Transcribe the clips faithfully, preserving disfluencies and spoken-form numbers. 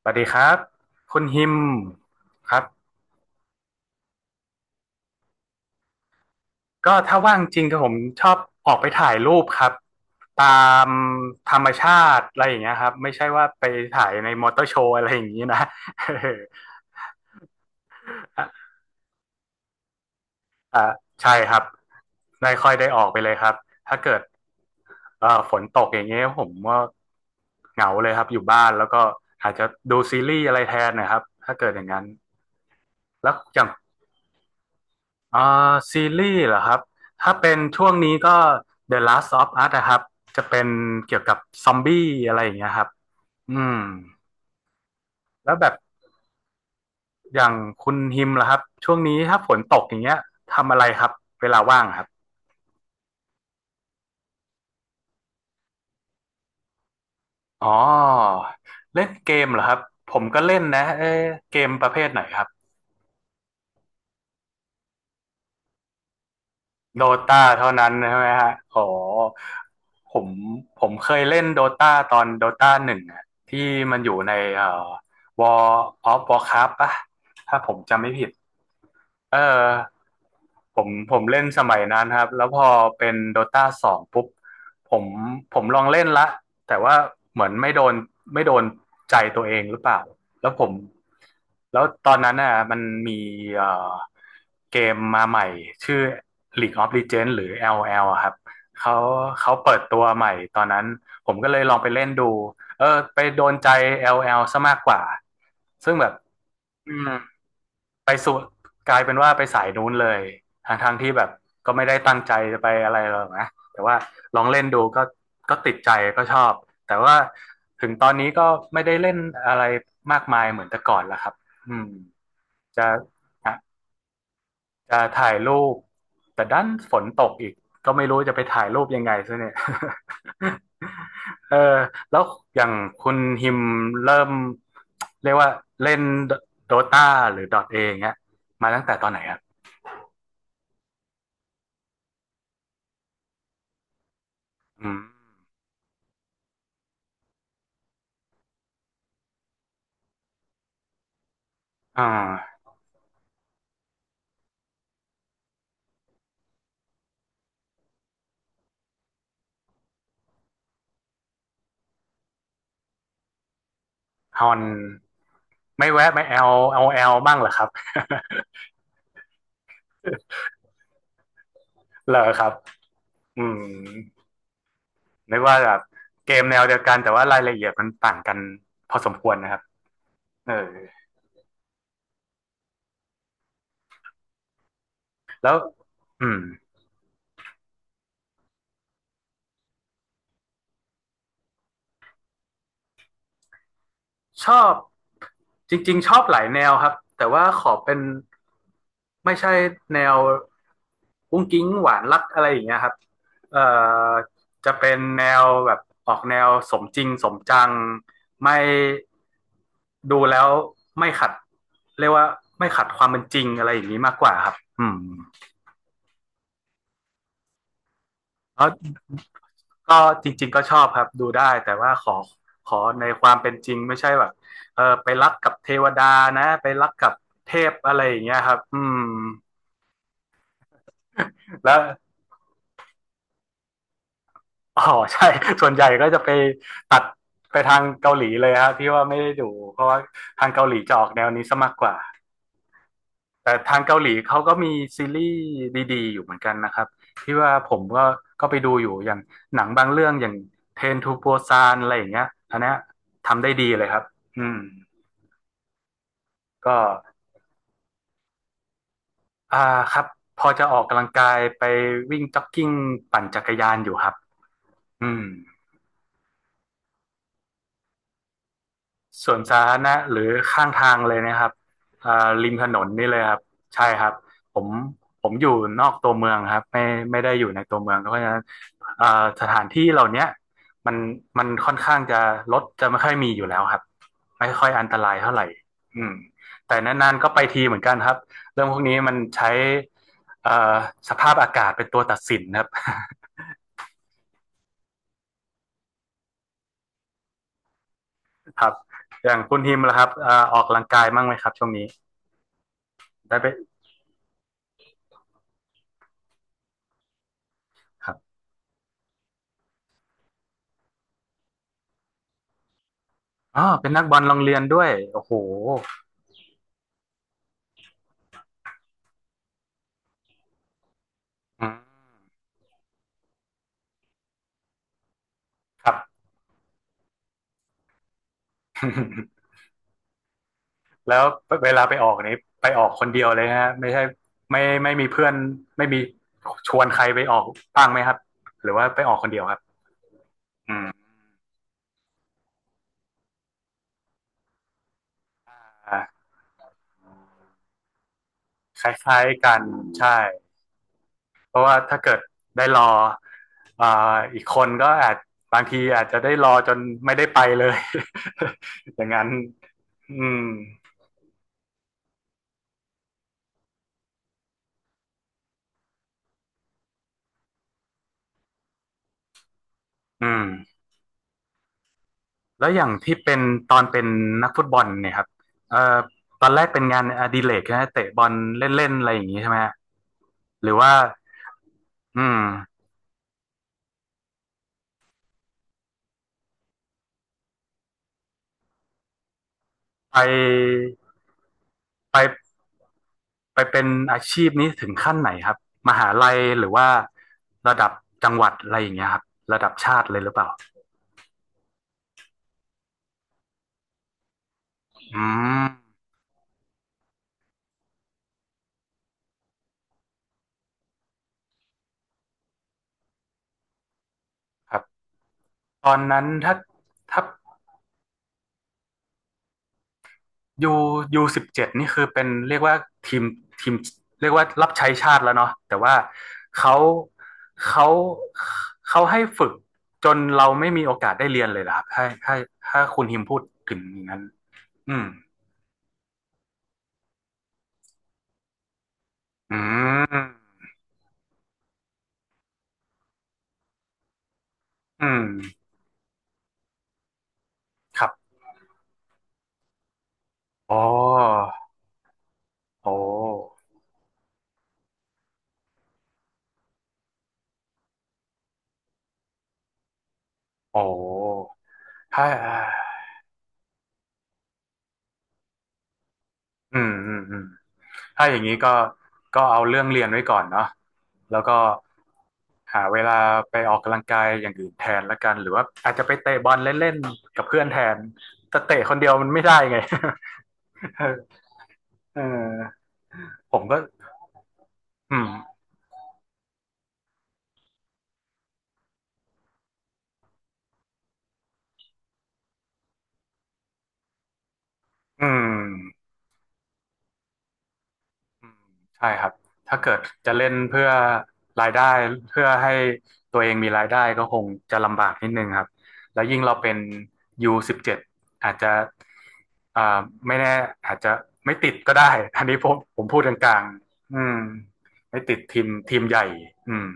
สวัสดีครับคุณฮิมครับก็ถ้าว่างจริงก็ผมชอบออกไปถ่ายรูปครับตามธรรมชาติอะไรอย่างเงี้ยครับไม่ใช่ว่าไปถ่ายในมอเตอร์โชว์อะไรอย่างงี้นะ อ่ะอ่ะใช่ครับไม่ค่อยได้ออกไปเลยครับถ้าเกิดเอ่อฝนตกอย่างเงี้ยผมก็เหงาเลยครับอยู่บ้านแล้วก็อาจจะดูซีรีส์อะไรแทนนะครับถ้าเกิดอย่างนั้นแล้วอย่าง อ่าซีรีส์เหรอครับถ้าเป็นช่วงนี้ก็ The Last of Us นะครับจะเป็นเกี่ยวกับซอมบี้อะไรอย่างเงี้ยครับอืมแล้วแบบอย่างคุณฮิมล่ะครับช่วงนี้ถ้าฝนตกอย่างเงี้ยทำอะไรครับเวลาว่างครับอ๋อเล่นเกมเหรอครับผมก็เล่นนะเอ๊ะเกมประเภทไหนครับ โดตาเท่านั้นใช่ไหมฮะขอผมผมเคยเล่นโดตาตอนโดตาหนึ่งอะที่มันอยู่ในเอ่อ War of Warcraft ปะถ้าผมจำไม่ผิด เออผมผมเล่นสมัยนั้นครับแล้วพอเป็นโดตาสองปุ๊บผมผมลองเล่นละแต่ว่าเหมือนไม่โดนไม่โดนใจตัวเองหรือเปล่าแล้วผมแล้วตอนนั้นน่ะมันมีเอ่อเกมมาใหม่ชื่อ League of Legends หรือ l l อลอะครับเขาเขาเปิดตัวใหม่ตอนนั้นผมก็เลยลองไปเล่นดูเออไปโดนใจ l l ซะมากกว่าซึ่งแบบอืม ไปส่วนกลายเป็นว่าไปสายนู้นเลยทางทางๆที่แบบก็ไม่ได้ตั้งใจจะไปอะไรหรอกนะแต่ว่าลองเล่นดูก็ก็ติดใจก็ชอบแต่ว่าถึงตอนนี้ก็ไม่ได้เล่นอะไรมากมายเหมือนแต่ก่อนแล้วครับอืมจะ จะถ่ายรูปแต่ด้านฝนตกอีกก็ไม่รู้จะไปถ่ายรูปยังไงซะเนี่ย เออแล้วอย่างคุณฮิมเริ่มเรียกว่าเล่นโดตาหรือดอทเอย่างเงี้ยมาตั้งแต่ตอนไหนครับอืมอ่าฮอนไม่แวะไม่แอลเอาแอลบ้างเหรอครับ เหรอครับอืมนึกว่าแบบเกมแนวเดียวกันแต่ว่ารายละเอียดมันต่างกันพอสมควรนะครับเออแล้วอืม ชอบจริงๆชอบหลายแนวครับแต่ว่าขอเป็นไม่ใช่แนวกุ้งกิ๊งหวานรักอะไรอย่างเงี้ยครับเอ่อจะเป็นแนวแบบออกแนวสมจริงสมจังไม่ดูแล้วไม่ขัดเรียกว่าไม่ขัดความเป็นจริงอะไรอย่างนี้มากกว่าครับอืม ก็ก็จริงๆก็ชอบครับดูได้แต่ว่าขอขอในความเป็นจริงไม่ใช่แบบเออไปรักกับเทวดานะไปรักกับเทพอะไรอย่างเงี้ยครับอืมแล้วอ๋อใช่ ส่วนใหญ่ก็จะไปตัดไปทางเกาหลีเลยครับที่ว่าไม่ได้ดูเพราะว่าทางเกาหลีจะออกแนวนี้ซะมากกว่า แต่ทางเกาหลีเขาก็มีซีรีส์ดีๆอยู่เหมือนกันนะครับที่ว่าผมก็ก็ไปดูอยู่อย่างหนังบางเรื่องอย่างเทรนทูโปซานอะไรอย่างเงี้ยอันเนี้ยทำได้ดีเลยครับอืมก็อ่าครับพอจะออกกำลังกายไปวิ่งจ็อกกิ้งปั่นจักรยานอยู่ครับอืม สวนสาธารณะหรือข้างทางเลยนะครับอ่าริมถนนนี่เลยครับใช่ครับผมผมอยู่นอกตัวเมืองครับไม่ไม่ได้อยู่ในตัวเมืองเพราะฉะนั้นอ่าสถานที่เหล่าเนี้ยมันมันค่อนข้างจะรถจะไม่ค่อยมีอยู่แล้วครับไม่ค่อยอันตรายเท่าไหร่อืมแต่นานๆก็ไปทีเหมือนกันครับเรื่องพวกนี้มันใช้เอ่อสภาพอากาศเป็นตัวตัดสินครับ ครับอย่างคุณฮิมล่ะครับเอ่อออกกำลังกายบ้างไหมครับช่วงนี้ได้ไปครับ อ๋อเป็นนักบอลโรงเรียนด้วยโอ้โหอืมครับ แล้วเวลาไปออกนี้ไปออกคนเดียวเลยฮะไม่ใช่ไม่ไม่มีเพื่อนไม่มีชวนใครไปออกบ้างไหมครับหรือว่าไปออกคนเดียวครับอืมอ่าคล้ายๆกันใช่เพราะว่าถ้าเกิดได้รออ่าอีกคนก็อาจบางทีอาจจะได้รอจนไม่ได้ไปเลย อย่างนั้นอืมอืม แล้วอย่างที่เป็นตอนเป็นนักฟุตบอลเนี่ยครับเอ่อตอนแรกเป็นงานอดิเรกใช่ไหมเตะบอลเล่นๆอะไรอย่างนี้ใช่ไหมฮะหรือว่าอืมไปไปไปเป็นอาชีพนี้ถึงขั้นไหนครับมหาลัยหรือว่าระดับจังหวัดอะไรอย่างเงี้ยครับระดับชาติเลยหรือเปล่าอืมครับตอนนั้นถ้าถ้า ยูยูสิบเจ็ดนี่คือเป็นเรียกว่าทีมทีมเรียกว่ารับใช้ชาติแล้วเนาะแต่ว่าเขาเขาเขาให้ฝึกจนเราไม่มีโอกาสได้เรียนเลยเหรอครับถ้าถ้าถ้าคุณฮิมพูดถึงอย่างนั้นอืมอืมอืมครับอ๋อโอ้โอ้ถ้าอืมอืมอืม ถ้าอย่างนี้ก็ก็เอาเรื่องเรียนไว้ก่อนเนาะแล้วก็หาเวลาไปออกกำลังกายอย่างอื่นแทนละกันหรือว่าอาจจะไปเตะบอลเล่นๆกับเพื่อนแทนแต่เตะคนเดียวมันไม่ได้ไง เออผมก็อืมอืม อืมใช่ครับถ้าเกิดจะเล่นเพื่อรายได้เพื่อให้ตัวเองมีรายได้ก็คงจะลำบากนิดนึงครับแล้วยิ่งเราเป็น ยู สิบเจ็ด อาจจะอ่าไม่แน่อาจจะไม่ติดก็ได้อันนี้ผมผมพูดกลางๆอืมไม่ติดทีมทีมใหญ่อืม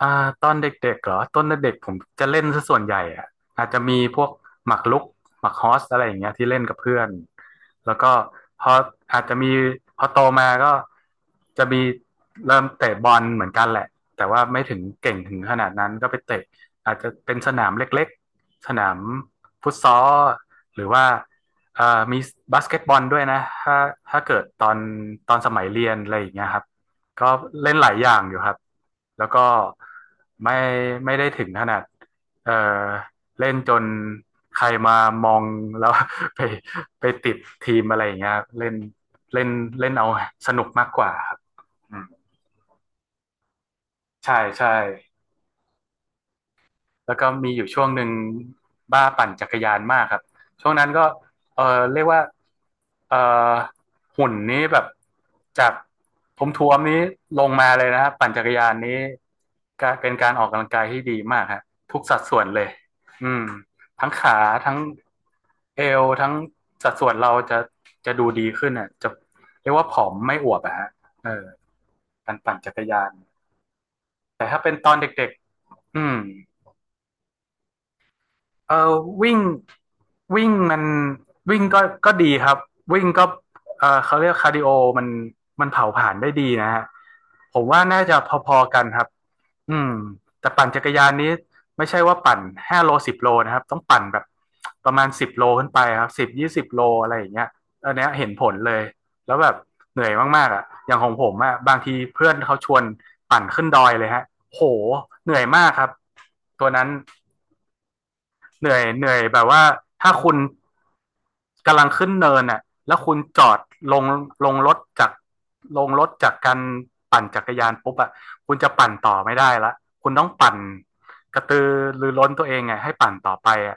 อ่าตอนเด็กๆเหรอตอนเด็กๆผมจะเล่นซะส่วนใหญ่อะอาจจะมีพวกหมากรุกหมากฮอสอะไรอย่างเงี้ยที่เล่นกับเพื่อนแล้วก็พออาจจะมีพอโตมาก็จะมีเริ่มเตะบอลเหมือนกันแหละแต่ว่าไม่ถึงเก่งถึงขนาดนั้นก็ไปเตะอาจจะเป็นสนามเล็กๆสนามฟุตซอลหรือว่าเอ่อมีบาสเกตบอลด้วยนะถ้าถ้าเกิดตอนตอนสมัยเรียนอะไรอย่างเงี้ยครับ ก็เล่นหลายอย่างอยู่ครับ แล้วก็ไม่ไม่ได้ถึงขนาดเออเล่นจนใครมามองแล้ว ไปไปติดทีมอะไรอย่างเงี้ยครับเล่นเล่นเล่นเอาสนุกมากกว่าครับอืมใช่ใช่ แล้วก็มีอยู่ช่วงหนึ่งบ้าปั่นจักรยานมากครับช่วงนั้นก็เออเรียกว่าเออหุ่นนี้แบบจากท้วมๆนี้ลงมาเลยนะครับปั่นจักรยานนี้ก็เป็นการออกกำลังกายที่ดีมากฮะทุกสัดส่วนเลยอืมทั้งขาทั้งเอวทั้งสัดส่วนเราจะจะดูดีขึ้นอ่ะจะเรียกว่าผอมไม่อวบอะฮะเออการปั่นจักรยานแต่ถ้าเป็นตอนเด็กๆอืม เออวิ่งวิ่งมันวิ่งก็ก็ดีครับวิ่งก็เออเขาเรียกคาร์ดิโอมันมันเผาผลาญได้ดีนะฮะผมว่าน่าจะพอๆกันครับอืมแต่ปั่นจักรยานนี้ไม่ใช่ว่าปั่นห้าโลสิบโลนะครับต้องปั่นแบบประมาณสิบโลขึ้นไปครับสิบยี่สิบโลอะไรอย่างเงี้ยอันเนี้ยเห็นผลเลยแล้วแบบเหนื่อยมากๆอ่ะอย่างของผมอ่ะบางทีเพื่อนเขาชวนปั่นขึ้นดอยเลยฮะโหเหนื่อยมากครับตัวนั้น เหนื่อยเหนื่อยแบบว่าถ้าคุณกำลังขึ้นเนินอ่ะแล้วคุณจอดลงลงรถจากลงรถจากการปั่นจักรยานปุ๊บอ่ะคุณจะปั่นต่อไม่ได้ละคุณต้องปั่นกระตือรือร้นตัวเองไงให้ปั่นต่อไปอ่ะ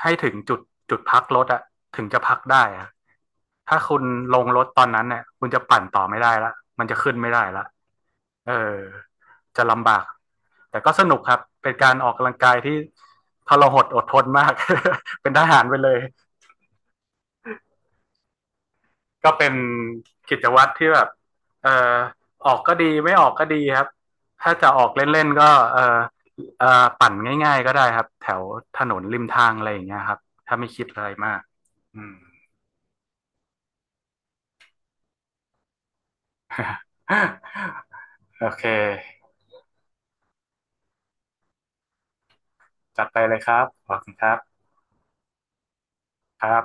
ให้ถึงจุดจุดพักรถอ่ะถึงจะพักได้อ่ะถ้าคุณลงรถตอนนั้นเนี่ยคุณจะปั่นต่อไม่ได้ละมันจะขึ้นไม่ได้ละ เออจะลำบากแต่ก็สนุกครับเป็นการออกกำลังกายที่ทรหดอดทนมาก เป็นทหารไปเลยก็เป็นกิจวัตรที่แบบเออออกก็ดีไม่ออกก็ดีครับถ้าจะออกเล่นๆก็เออเออปั่นง่ายๆก็ได้ครับแถวถนนริมทางอะไรอย่างเงี้ยครับถ้าไม่คิดอะไรมากอืม โอเคจัดไปเลยครับขอบคุณครับครับ